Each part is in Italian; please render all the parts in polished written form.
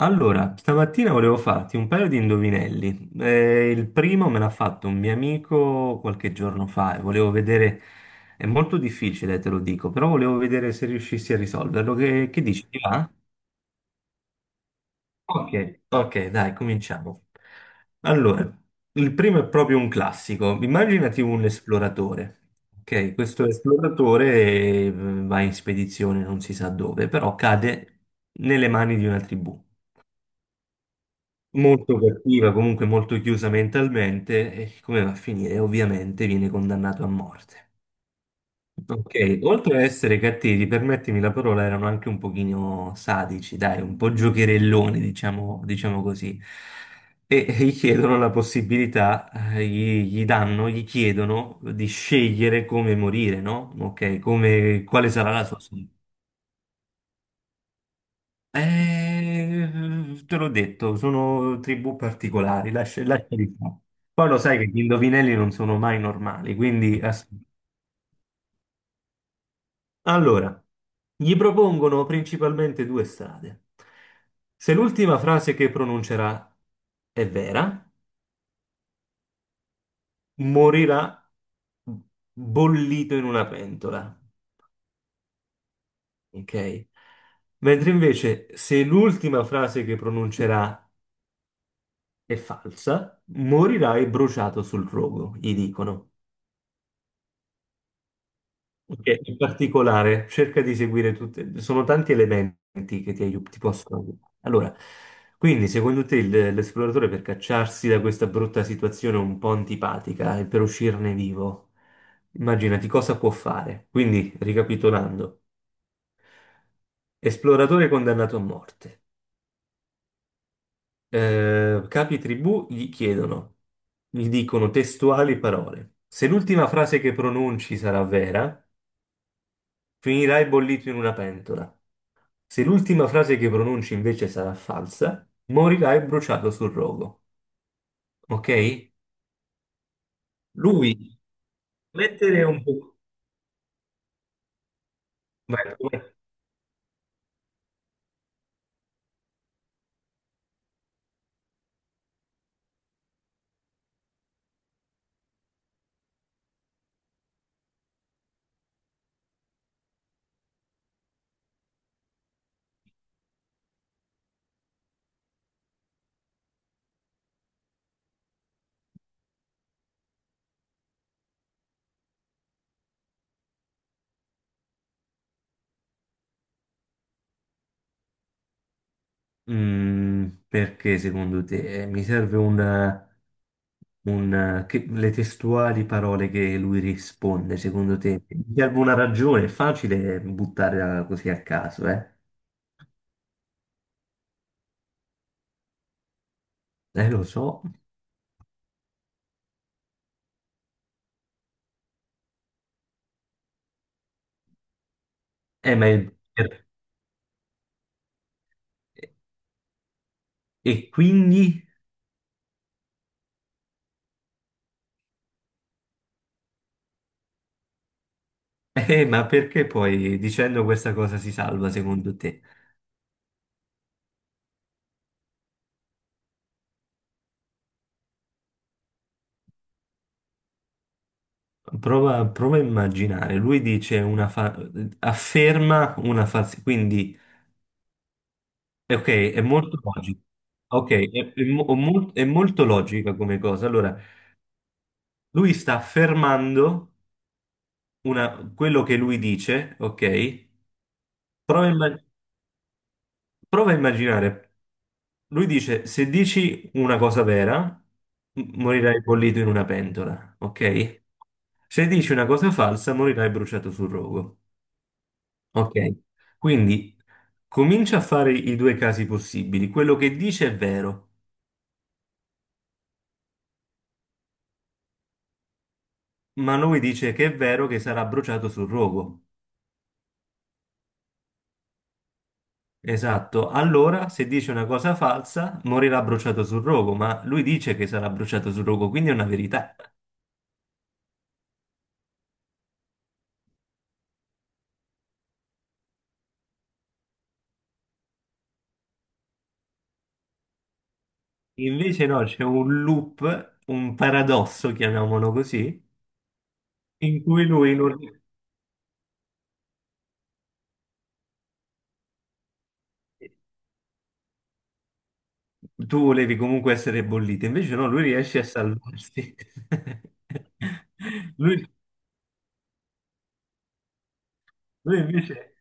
Allora, stamattina volevo farti un paio di indovinelli. Il primo me l'ha fatto un mio amico qualche giorno fa e volevo vedere, è molto difficile, te lo dico, però volevo vedere se riuscissi a risolverlo. Che dici? Ti va? Ok, ok, dai, cominciamo. Allora, il primo è proprio un classico. Immaginati un esploratore. Ok, questo esploratore va in spedizione, non si sa dove, però cade nelle mani di una tribù. Molto cattiva, comunque molto chiusa mentalmente, e come va a finire? Ovviamente viene condannato a morte. Ok, oltre a essere cattivi, permettimi la parola, erano anche un pochino sadici, dai, un po' giocherelloni, diciamo, diciamo così. E gli chiedono la possibilità, gli danno, gli chiedono di scegliere come morire, no? Ok, come, quale sarà la sua sorte. Te l'ho detto, sono tribù particolari, lascia, lasciali fare. Poi lo sai che gli indovinelli non sono mai normali, quindi... Allora, gli propongono principalmente due strade. Se l'ultima frase che pronuncerà è vera, morirà bollito in una pentola, ok? Mentre invece se l'ultima frase che pronuncerà è falsa, morirai bruciato sul rogo, gli dicono. Perché in particolare, cerca di seguire tutte, sono tanti elementi che ti, ti possono aiutare. Allora, quindi secondo te l'esploratore per cacciarsi da questa brutta situazione un po' antipatica e per uscirne vivo, immaginati cosa può fare. Quindi, ricapitolando, esploratore condannato a morte. Capi tribù gli chiedono, gli dicono testuali parole. Se l'ultima frase che pronunci sarà vera, finirai bollito in una pentola. Se l'ultima frase che pronunci invece sarà falsa, morirai bruciato sul rogo. Ok? Lui mettere un po'. Vai, vai. Mm, perché secondo te mi serve un, le testuali parole che lui risponde, secondo te? Mi serve una ragione, è facile buttarla così a caso, eh? Lo so. Ma e quindi? Ma perché poi dicendo questa cosa si salva, secondo te? Prova a immaginare, lui dice afferma una falsità, quindi, ok, è molto logico. Ok, è molto logica come cosa. Allora, lui sta affermando quello che lui dice, ok? Prova a, imma- prova a immaginare. Lui dice, se dici una cosa vera, morirai bollito in una pentola, ok? Se dici una cosa falsa, morirai bruciato sul rogo, ok? Quindi comincia a fare i due casi possibili. Quello che dice è vero, ma lui dice che è vero che sarà bruciato sul rogo. Esatto, allora se dice una cosa falsa morirà bruciato sul rogo, ma lui dice che sarà bruciato sul rogo, quindi è una verità. Invece no, c'è un loop, un paradosso, chiamiamolo così, in cui lui non... Tu volevi comunque essere bollito, invece no, lui riesce a salvarsi. Lui, lui invece...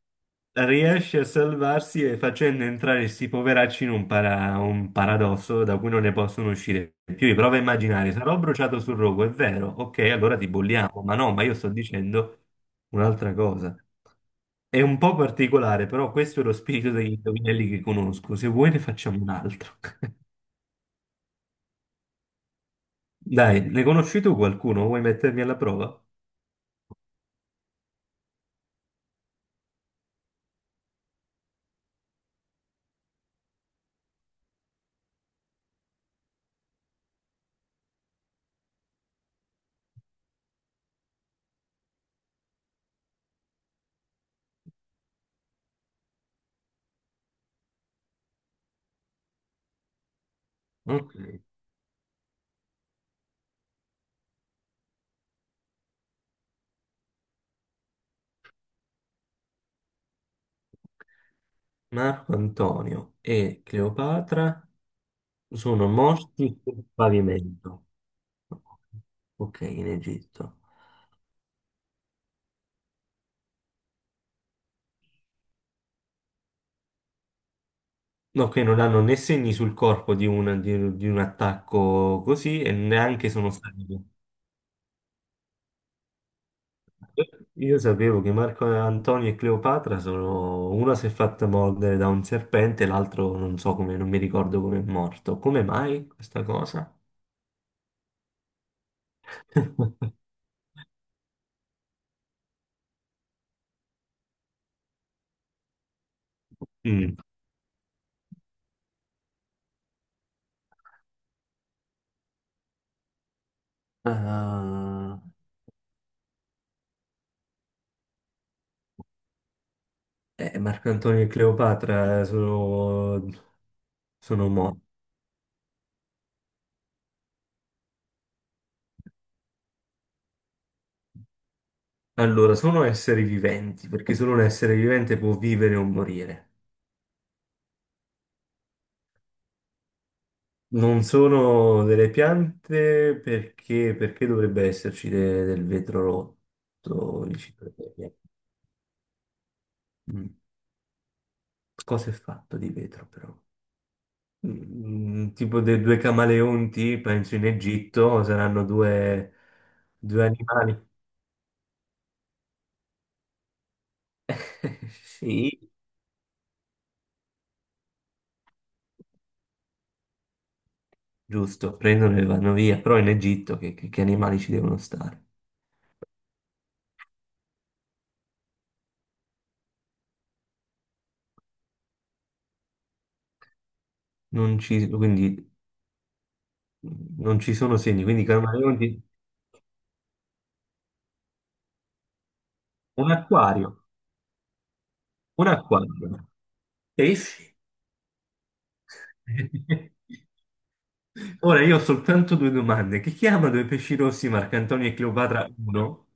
riesce a salvarsi e facendo entrare questi poveracci in un, un paradosso da cui non ne possono uscire più. Io provo a immaginare, sarò bruciato sul rogo, è vero, ok, allora ti bolliamo, ma no, ma io sto dicendo un'altra cosa. È un po' particolare, però questo è lo spirito degli indovinelli che conosco. Se vuoi ne facciamo un altro. Dai, ne conosci tu qualcuno? Vuoi mettermi alla prova? Ok. Marco Antonio e Cleopatra. Sono morti sul pavimento. Ok, in Egitto. No, che non hanno né segni sul corpo di un, di un attacco così e neanche sono stati... Io sapevo che Marco Antonio e Cleopatra sono... Una si è fatta mordere da un serpente, l'altro non so come, non mi ricordo come è morto. Come mai questa cosa? Mm. Ah, Marco Antonio e Cleopatra sono, sono morti. Allora, sono esseri viventi, perché solo un essere vivente può vivere o morire. Non sono delle piante perché, perché dovrebbe esserci del vetro rotto vicino alle piante? Mm. Cosa è fatto di vetro però? Mm, tipo dei due camaleonti, penso in Egitto, saranno due, due animali. Sì, giusto, prendono e vanno via, però in Egitto che, che animali ci devono stare? Non ci, quindi Non ci sono segni, quindi camaleonti. Un acquario, un acquario. Eh sì. Ora io ho soltanto due domande. Chi chiama due pesci rossi Marcantonio e Cleopatra uno?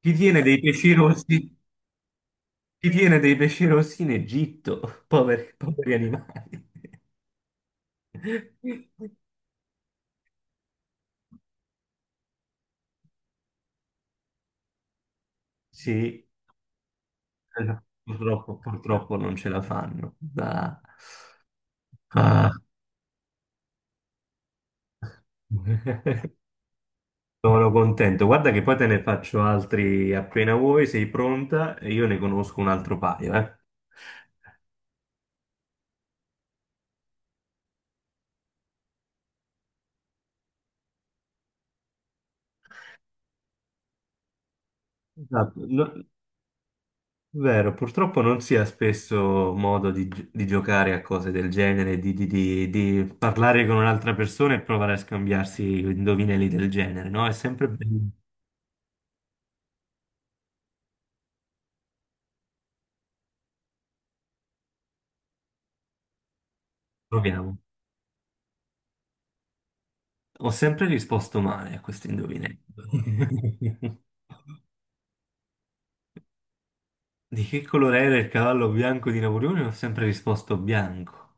Chi tiene dei pesci rossi? Chi tiene dei pesci rossi in Egitto? Poveri, poveri animali. Sì, allora, purtroppo, purtroppo non ce la fanno. Ah. Ah. Sono contento. Guarda che poi te ne faccio altri appena vuoi, sei pronta e io ne conosco un altro paio, eh. Esatto. Vero, purtroppo non si ha spesso modo di, di giocare a cose del genere, di, di parlare con un'altra persona e provare a scambiarsi indovinelli del genere, no? È sempre bello. Proviamo. Ho sempre risposto male a questi indovinelli. Di che colore era il cavallo bianco di Napoleone? Ho sempre risposto bianco.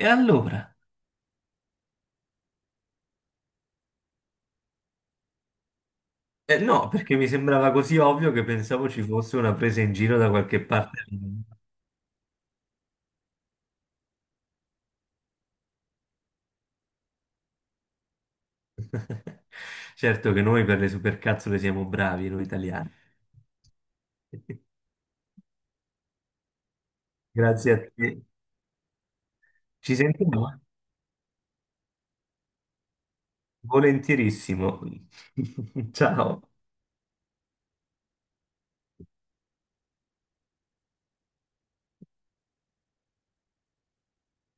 E allora? No, perché mi sembrava così ovvio che pensavo ci fosse una presa in giro da qualche parte. Certo che noi per le supercazzole siamo bravi, noi italiani. Grazie a te. Ci sentiamo? Volentierissimo. Ciao.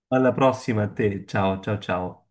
Alla prossima a te. Ciao, ciao, ciao.